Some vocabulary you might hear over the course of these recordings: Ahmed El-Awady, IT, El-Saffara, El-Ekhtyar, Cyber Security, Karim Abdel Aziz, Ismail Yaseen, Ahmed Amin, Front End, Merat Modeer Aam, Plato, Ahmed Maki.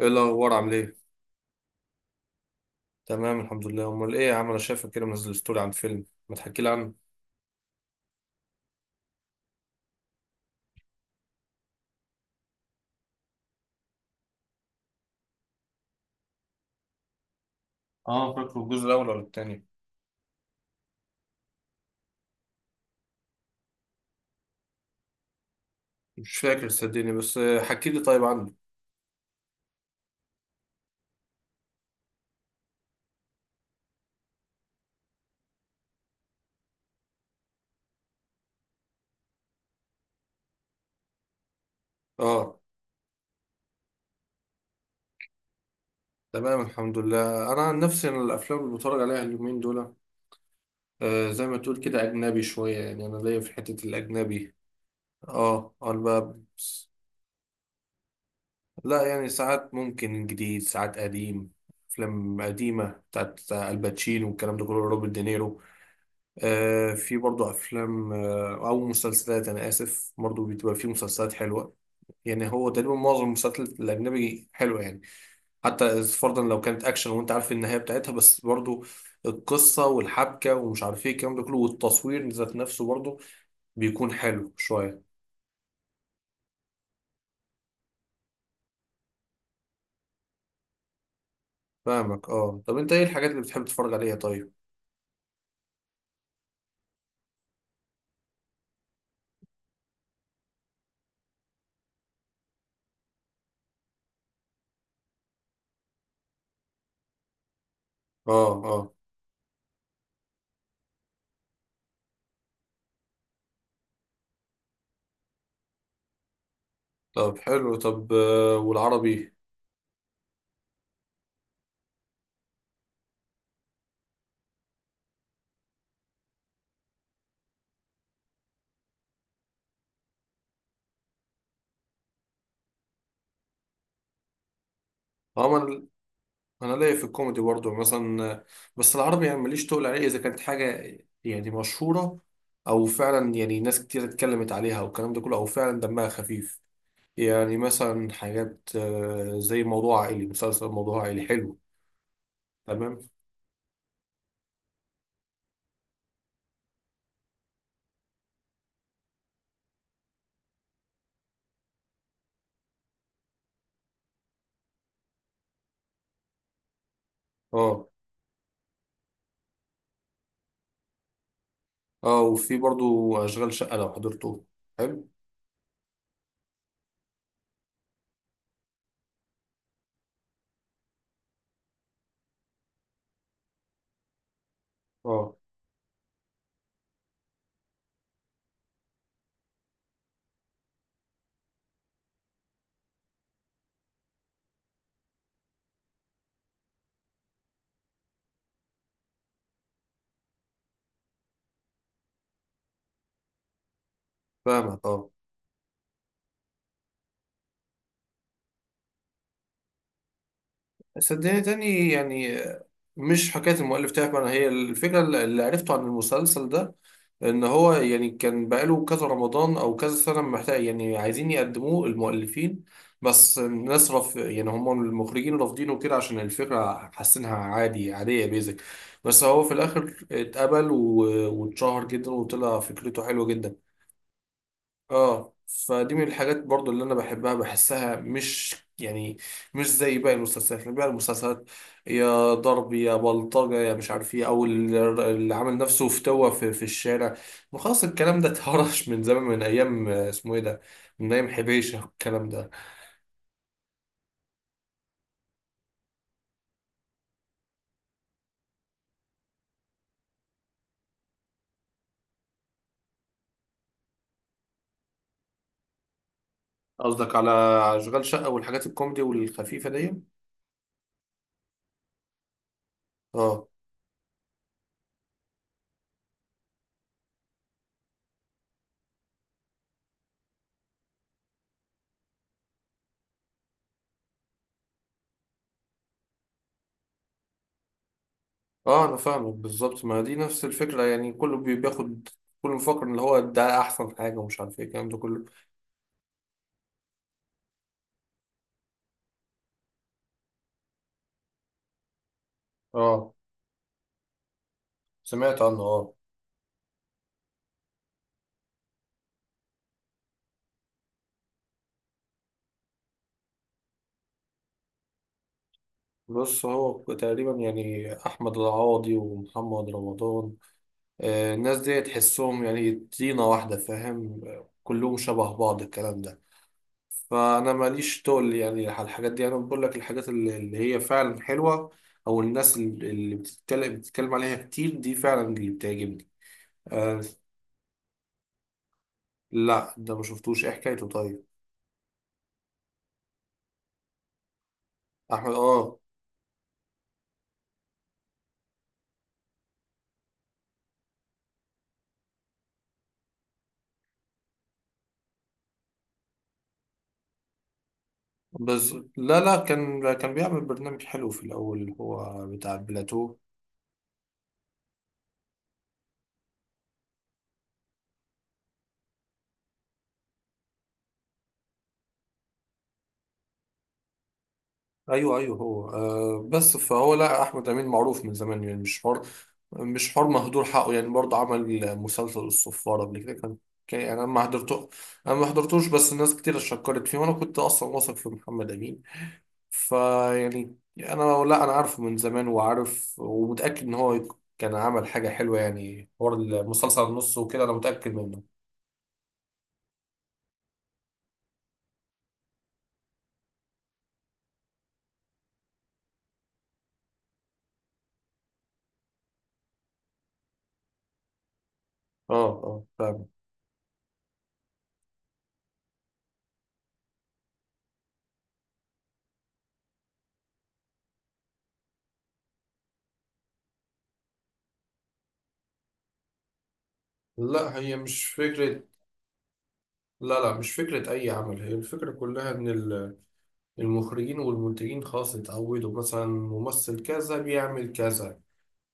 ايه الاخبار، عامل ايه؟ تمام الحمد لله. امال ايه يا عم، انا شايفك كده منزل ستوري عن فيلم، ما تحكي لي عنه. اه فاكره، الجزء الاول ولا التاني؟ مش فاكر صدقني، بس حكي لي طيب عنه. اه تمام الحمد لله. انا عن نفسي انا الافلام اللي بتفرج عليها اليومين دول زي ما تقول كده اجنبي شويه، يعني انا ليا في حته الاجنبي. اه انا بقى، لا يعني ساعات ممكن جديد ساعات قديم. افلام قديمه بتاعت الباتشينو والكلام ده كله، روبرت دينيرو. في برضو افلام او مسلسلات، انا اسف، برضو بتبقى في مسلسلات حلوه. يعني هو تقريبا معظم المسلسلات الاجنبي حلوه يعني، حتى فرضا لو كانت اكشن وانت عارف النهايه بتاعتها، بس برضو القصه والحبكه ومش عارف ايه الكلام ده كله، والتصوير ذات نفسه برضو بيكون حلو شويه. فاهمك اه. طب انت ايه الحاجات اللي بتحب تتفرج عليها طيب؟ اه اه. طب حلو، طب والعربي؟ اه انا ليا في الكوميدي برضه مثلا، بس العربي يعني ماليش تقول عليه اذا كانت حاجه يعني مشهوره، او فعلا يعني ناس كتير اتكلمت عليها والكلام ده كله او فعلا دمها خفيف. يعني مثلا حاجات زي موضوع عائلي. مسلسل موضوع عائلي حلو. تمام. اه اه، وفي برضه اشغال شقه لو حضرته، حلو. اه فاهمك اه. صدقني تاني يعني مش حكايه المؤلف تعب، انا هي الفكره اللي عرفته عن المسلسل ده، ان هو يعني كان بقاله كذا رمضان او كذا سنه محتاج، يعني عايزين يقدموه المؤلفين، بس الناس رف يعني هم المخرجين رافضينه كده عشان الفكره حاسينها عادي، عاديه بيزك. بس هو في الاخر اتقبل و- واتشهر جدا وطلع فكرته حلوه جدا. اه فدي من الحاجات برضو اللي انا بحبها، بحسها مش يعني مش زي باقي المسلسلات، لأن باقي المسلسلات يا ضرب يا بلطجة يا مش عارف ايه، او اللي عامل نفسه فتوة في الشارع. ما خلاص، الكلام ده اتهرش من زمان، من ايام اسمه ايه ده، من ايام حبيشة الكلام ده. قصدك على اشغال شقة والحاجات الكوميدي والخفيفة دي؟ اه اه انا فاهمك بالظبط، ما دي نفس الفكرة، يعني كله بياخد، كله مفكر ان هو ده احسن حاجة ومش عارف ايه الكلام ده كله. اه سمعت عنه اه. بص هو تقريبا يعني احمد العوضي ومحمد رمضان، الناس دي تحسهم يعني طينة واحدة، فاهم، كلهم شبه بعض الكلام ده. فانا ماليش تقل يعني على الحاجات دي، انا بقول لك الحاجات اللي هي فعلا حلوة، او الناس اللي بتتكلم عليها كتير دي فعلا اللي بتعجبني. آه. لا ده ما شفتوش، ايه حكايته طيب؟ احمد اه. بس لا لا كان بيعمل برنامج حلو في الاول، هو بتاع بلاتو. ايوه ايوه هو آه. بس فهو، لا احمد امين معروف من زمان، يعني مش حر، مش حر مهدور حقه. يعني برضه عمل مسلسل الصفاره قبل كده، كان يعني انا ما حضرته. انا ما حضرتوش، بس الناس كتير شكرت فيه، وانا كنت اصلا واثق في محمد امين. فيعني انا، لا انا عارفه من زمان، وعارف ومتاكد ان هو كان عمل حاجه حلوه. يعني حوار المسلسل النص وكده انا متاكد منه. اه اه فاهم. لا هي مش فكره، لا لا مش فكره اي عمل، هي الفكره كلها ان المخرجين والمنتجين خلاص اتعودوا مثلا ممثل كذا بيعمل كذا.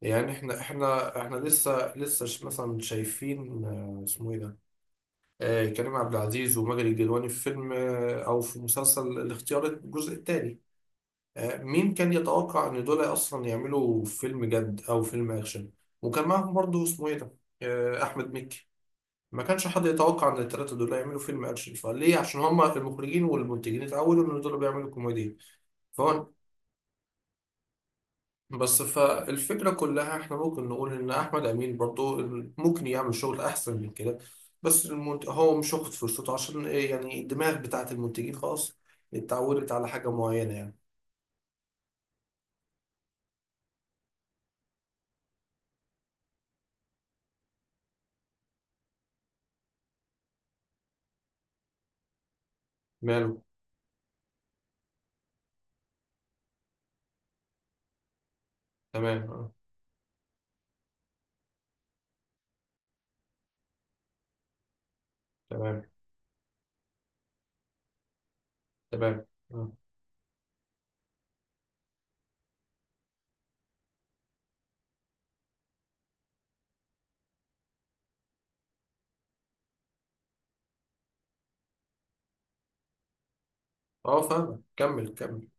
يعني احنا احنا لسه مثلا شايفين اسمه ايه ده، كريم عبد العزيز وماجد الكدواني في فيلم او في مسلسل الاختيار الجزء الثاني. مين كان يتوقع ان دول اصلا يعملوا فيلم جد او فيلم اكشن؟ وكان معاهم برضه اسمه ايه ده، احمد مكي. ما كانش حد يتوقع ان الثلاثه دول يعملوا فيلم اكشن، فليه؟ عشان هما المخرجين والمنتجين اتعودوا ان دول بيعملوا كوميديا. فهو، بس فالفكرة كلها احنا ممكن نقول ان احمد امين برضو ممكن يعمل شغل احسن من كده، بس هو مش واخد فرصته، عشان ايه؟ يعني الدماغ بتاعت المنتجين خلاص اتعودت على حاجة معينة يعني. ماله؟ تمام اه. تمام تمام. اه اه فاهم، كمل كمل.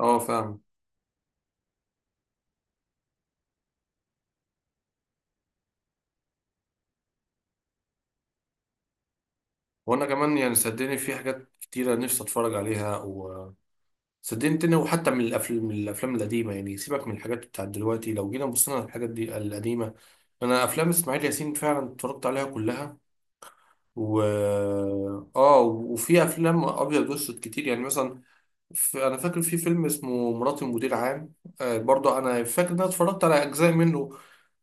اه فاهم. وانا كمان يعني صدقني في حاجات كتيرة نفسي اتفرج عليها، وصدقني تاني، وحتى من الافلام، القديمة. يعني سيبك من الحاجات بتاعت دلوقتي، لو جينا بصينا على الحاجات دي القديمة، انا افلام اسماعيل ياسين فعلا اتفرجت عليها كلها. و اه. وفي افلام ابيض واسود كتير، يعني مثلا انا فاكر في فيلم اسمه مراتي مدير عام. آه برضه انا فاكر ان انا اتفرجت على اجزاء منه.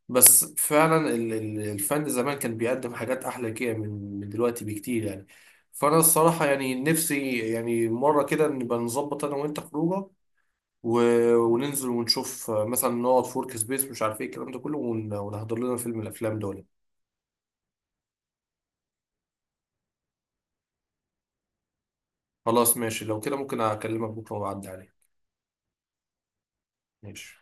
بس فعلا الفن زمان كان بيقدم حاجات احلى كده من دلوقتي بكتير يعني. فانا الصراحه يعني نفسي يعني مره كده نبقى نظبط انا وانت خروجه و... وننزل ونشوف مثلا نقعد في ورك سبيس مش عارف ايه الكلام ده كله ونحضر لنا فيلم من الافلام دول. خلاص ماشي، لو كده ممكن اكلمك بكره واعدي عليك. ماشي.